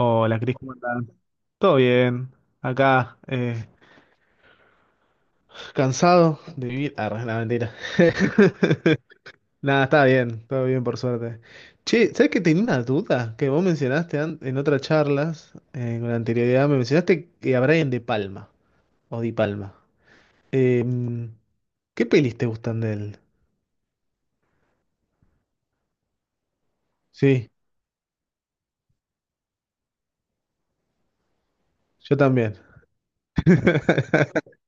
Hola, Cris, ¿cómo andás? Todo bien. Acá, cansado de vivir. Ah, la mentira. Nada, está bien, todo bien por suerte. Che, ¿sabes que tenía una duda? Que vos mencionaste en otras charlas, con anterioridad, me mencionaste que a Brian De Palma, o Di Palma. Eh, ¿Qué pelis te gustan de él? Sí, yo también.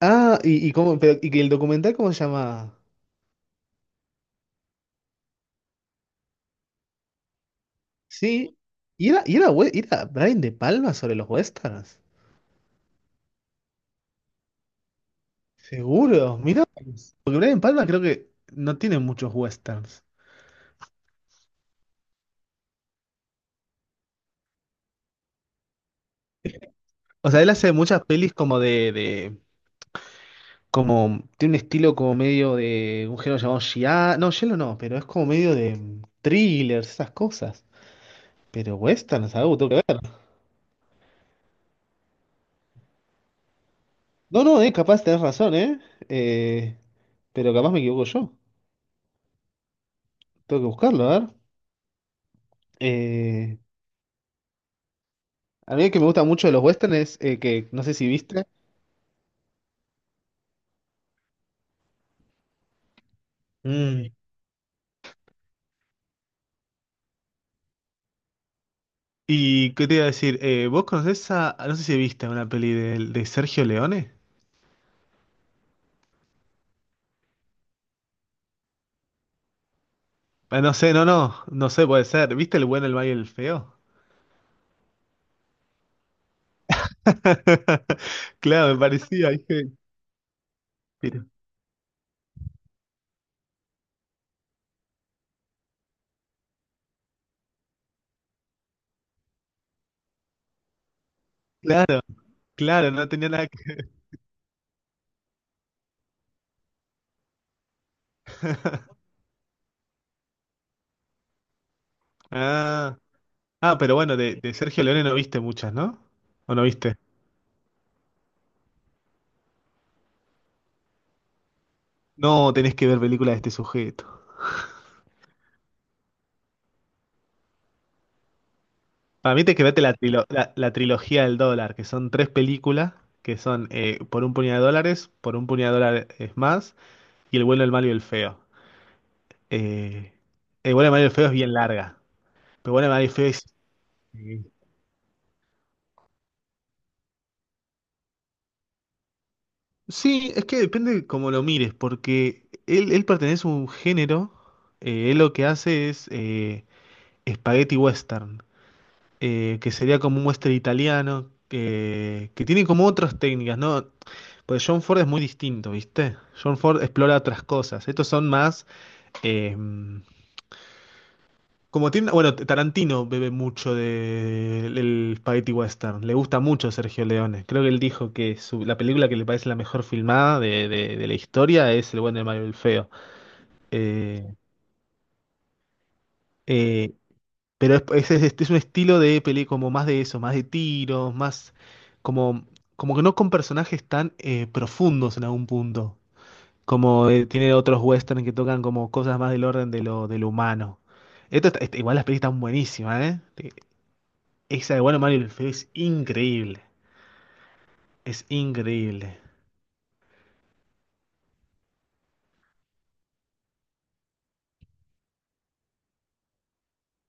Ah, y cómo, pero, y que el documental, ¿cómo se llama? Sí, era Brian De Palma sobre los westerns. Seguro, mira, porque Brian Palma creo que no tiene muchos westerns. O sea, él hace muchas pelis como como tiene un estilo como medio de un género llamado Giallo no, pero es como medio de thrillers, esas cosas. Pero westerns, algo tengo que ver. No, no, capaz tenés razón, eh. Eh, pero capaz me equivoco yo. Tengo que buscarlo, a ver. Eh, a mí el que me gusta mucho de los westerns es que no sé si viste. Mm. Y qué te iba a decir, ¿vos conocés a, no sé si viste una peli de Sergio Leone? Ah, no sé, no, no, no sé, puede ser. ¿Viste El bueno, el malo y el feo? Claro, me parecía, dije, pero claro, claro, no tenía nada que... Ah, ah, pero bueno, de Sergio Leone no viste muchas, ¿no? ¿O no viste? No, tenés que ver películas de este sujeto. Para mí te quedaste la trilogía del dólar, que son tres películas, que son Por un puñado de dólares, Por un puñado de dólares más, y El bueno, el malo y el feo. Eh, Buena María Feo es bien larga. Pero Buena María del Feo es. eh, Sí, es que depende cómo lo mires, porque él pertenece a un género. Él lo que hace es spaghetti western, que sería como un western italiano, que tiene como otras técnicas, ¿no? Pues John Ford es muy distinto, ¿viste? John Ford explora otras cosas. Estos son más. eh, Como tiene, bueno, Tarantino bebe mucho del Spaghetti Western. Le gusta mucho Sergio Leone. Creo que él dijo que la película que le parece la mejor filmada de la historia es El bueno, el malo y el feo. Eh, eh, pero es, es un estilo de peli como más de eso, más de tiros, más como, como que no con personajes tan profundos en algún punto. Como tiene otros western que tocan como cosas más del orden de de lo humano. Igual las pelis están buenísimas, ¿eh? Esa de Bueno, Mario y el Feo es increíble. Es increíble.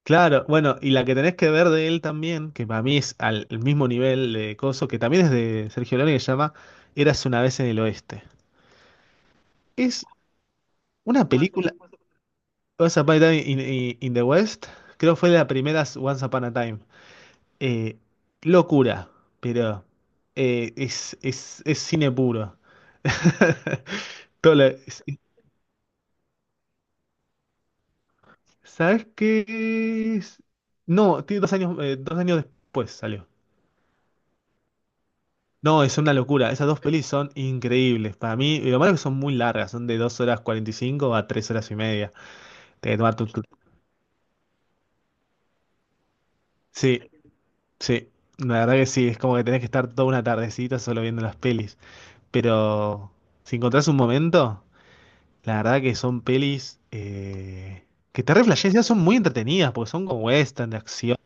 Claro, bueno, y la que tenés que ver de él también, que para mí es al el mismo nivel de coso, que también es de Sergio Leone, que se llama Érase una vez en el Oeste. Es una película, Once Upon a Time in the West, creo fue de las primeras Once Upon a Time. Eh, locura, pero es cine puro. Todo lo- ¿Sabes qué es? No, tiene 2 años, 2 años después salió. No, es una locura. Esas dos pelis son increíbles. Para mí, y lo malo es que son muy largas, son de 2 horas 45 a 3 horas y media. Te tomar tu, tu- Sí, sí. La verdad que sí, es como que tenés que estar toda una tardecita solo viendo las pelis. Pero si encontrás un momento, la verdad que son pelis que te reflejas, son muy entretenidas, porque son como western de acción.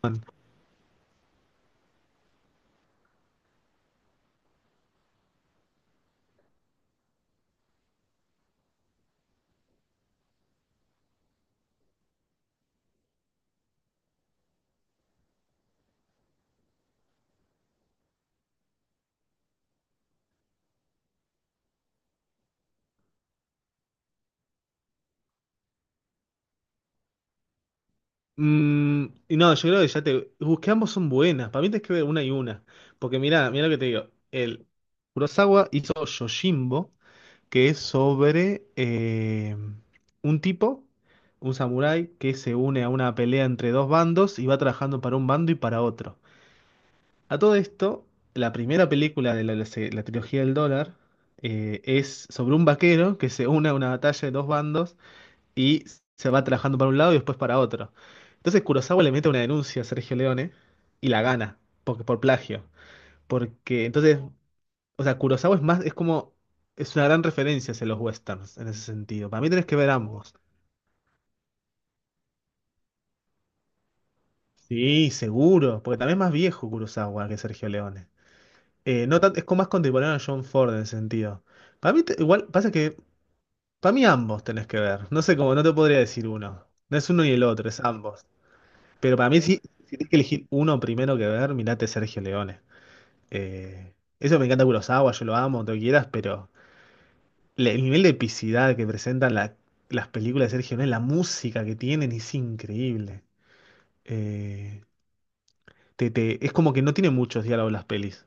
Y no, yo creo que ya te. Busqué ambos son buenas. Para mí tienes que ver una y una. Porque mirá, mirá lo que te digo. El Kurosawa hizo Yojimbo, que es sobre un tipo, un samurái, que se une a una pelea entre dos bandos y va trabajando para un bando y para otro. A todo esto, la primera película de la trilogía del dólar es sobre un vaquero que se une a una batalla de dos bandos y se va trabajando para un lado y después para otro. Entonces Kurosawa le mete una denuncia a Sergio Leone y la gana porque, por plagio. Porque entonces, o sea, Kurosawa es más, es como, es una gran referencia hacia los westerns en ese sentido. Para mí tenés que ver ambos. Sí, seguro, porque también es más viejo Kurosawa que Sergio Leone. No tan- es como más contemporáneo a John Ford en ese sentido. Para mí, igual, pasa que, para mí ambos tenés que ver. No sé cómo, no te podría decir uno. No es uno ni el otro, es ambos. Pero para mí, sí, si tienes que elegir uno primero que ver, mirate Sergio Leone. Eh, eso me encanta Kurosawa, yo lo amo, todo lo que quieras, pero el nivel de epicidad que presentan las películas de Sergio Leone, la música que tienen es increíble. Eh, es como que no tiene muchos diálogos las pelis,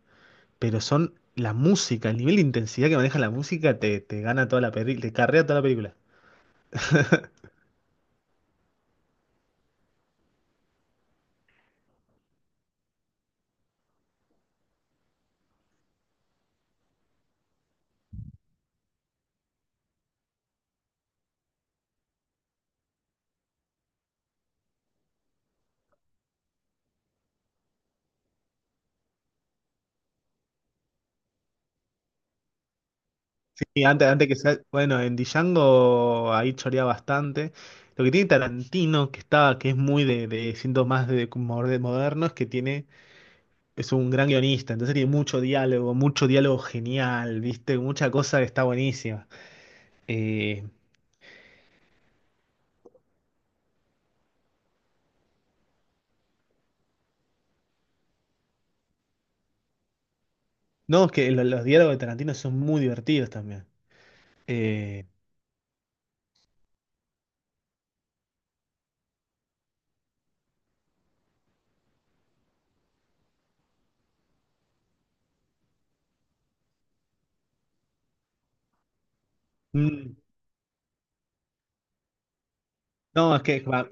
pero son la música, el nivel de intensidad que maneja la música te gana toda la película, te carrea toda la película. Sí, antes que sea, bueno, en Django ahí chorea bastante. Lo que tiene Tarantino, que está, que es muy de siento más de, como de moderno, es que tiene, es un gran guionista, entonces tiene mucho diálogo genial, ¿viste? Mucha cosa que está buenísima. Eh, no, es que los diálogos de Tarantino son muy divertidos también. Eh, mm, no, es que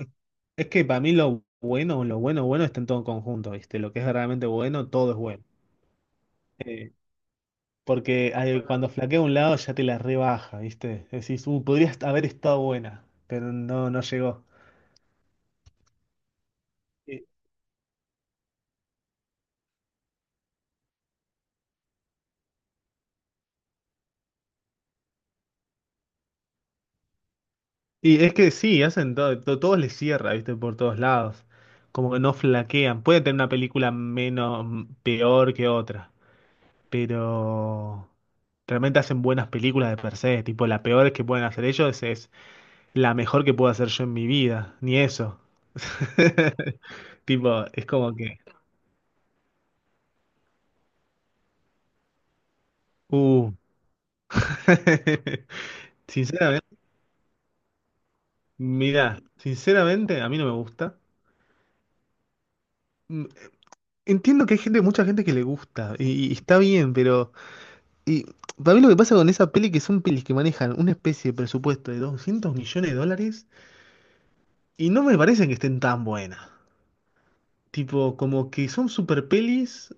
es que para mí lo bueno, bueno está en todo conjunto, ¿viste? Lo que es realmente bueno, todo es bueno. Eh, porque ay, cuando flaquea un lado ya te la rebaja, ¿viste? Decís, podrías haber estado buena, pero no, no llegó. Y, y es que sí, hacen todo, todos les cierra, ¿viste? Por todos lados. Como que no flaquean. Puede tener una película menos, peor que otra, pero realmente hacen buenas películas de per se. Tipo, la peor que pueden hacer ellos es la mejor que puedo hacer yo en mi vida, ni eso. Tipo, es como que, uh. Sinceramente. Mira, sinceramente a mí no me gusta. Mm, Entiendo que hay gente, mucha gente que le gusta y está bien, pero y para mí lo que pasa con esa peli que son pelis que manejan una especie de presupuesto de $200 millones y no me parecen que estén tan buenas. Tipo, como que son super pelis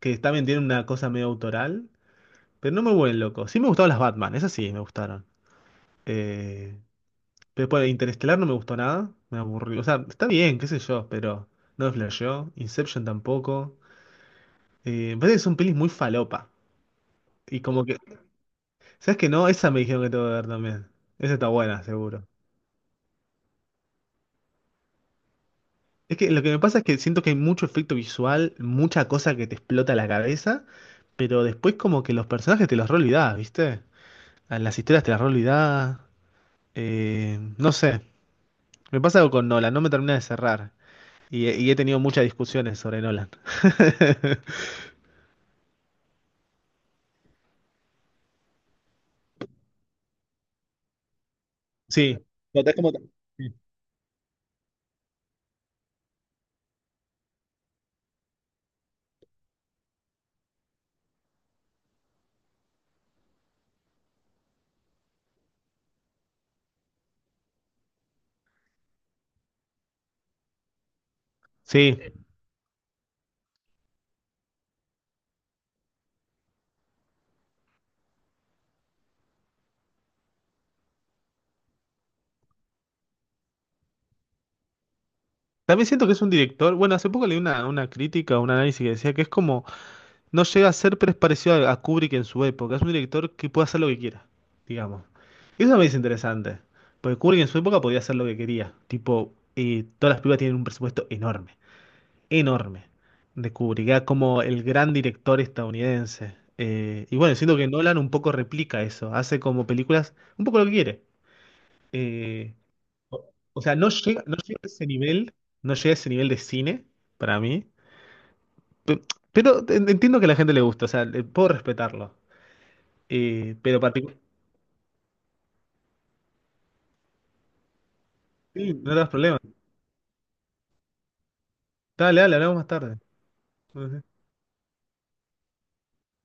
que también tienen una cosa medio autoral, pero no me vuelven loco. Sí me gustaron las Batman, esas sí me gustaron. Eh, pero después de Interestelar no me gustó nada, me aburrió. O sea, está bien, qué sé yo, pero no me flasheó. Inception tampoco. Me parece que son pelis muy falopa. Y como que, ¿sabes qué? No, esa me dijeron que tengo que ver también. Esa está buena, seguro. Es que lo que me pasa es que siento que hay mucho efecto visual, mucha cosa que te explota la cabeza, pero después como que los personajes te los re olvidás, ¿viste? A Las historias te las re olvidás. No sé, me pasa algo con Nolan, no me termina de cerrar. Y, he tenido muchas discusiones sobre Nolan. Sí. Notás como- Sí, también siento que es un director, bueno, hace poco leí una crítica, un análisis que decía que es como, no llega a ser, pero es parecido a Kubrick en su época, es un director que puede hacer lo que quiera, digamos. Y eso me es interesante, porque Kubrick en su época podía hacer lo que quería, tipo, todas las películas tienen un presupuesto enorme, enorme, de Kubrick, era como el gran director estadounidense. Y bueno, siento que Nolan un poco replica eso, hace como películas, un poco lo que quiere. Eh, o sea, no llega a ese nivel, no llega a ese nivel de cine para mí. Pe- Pero, entiendo que a la gente le gusta, o sea, puedo respetarlo. Pero particu- sí, no te das problema. Dale, dale, hablamos más tarde.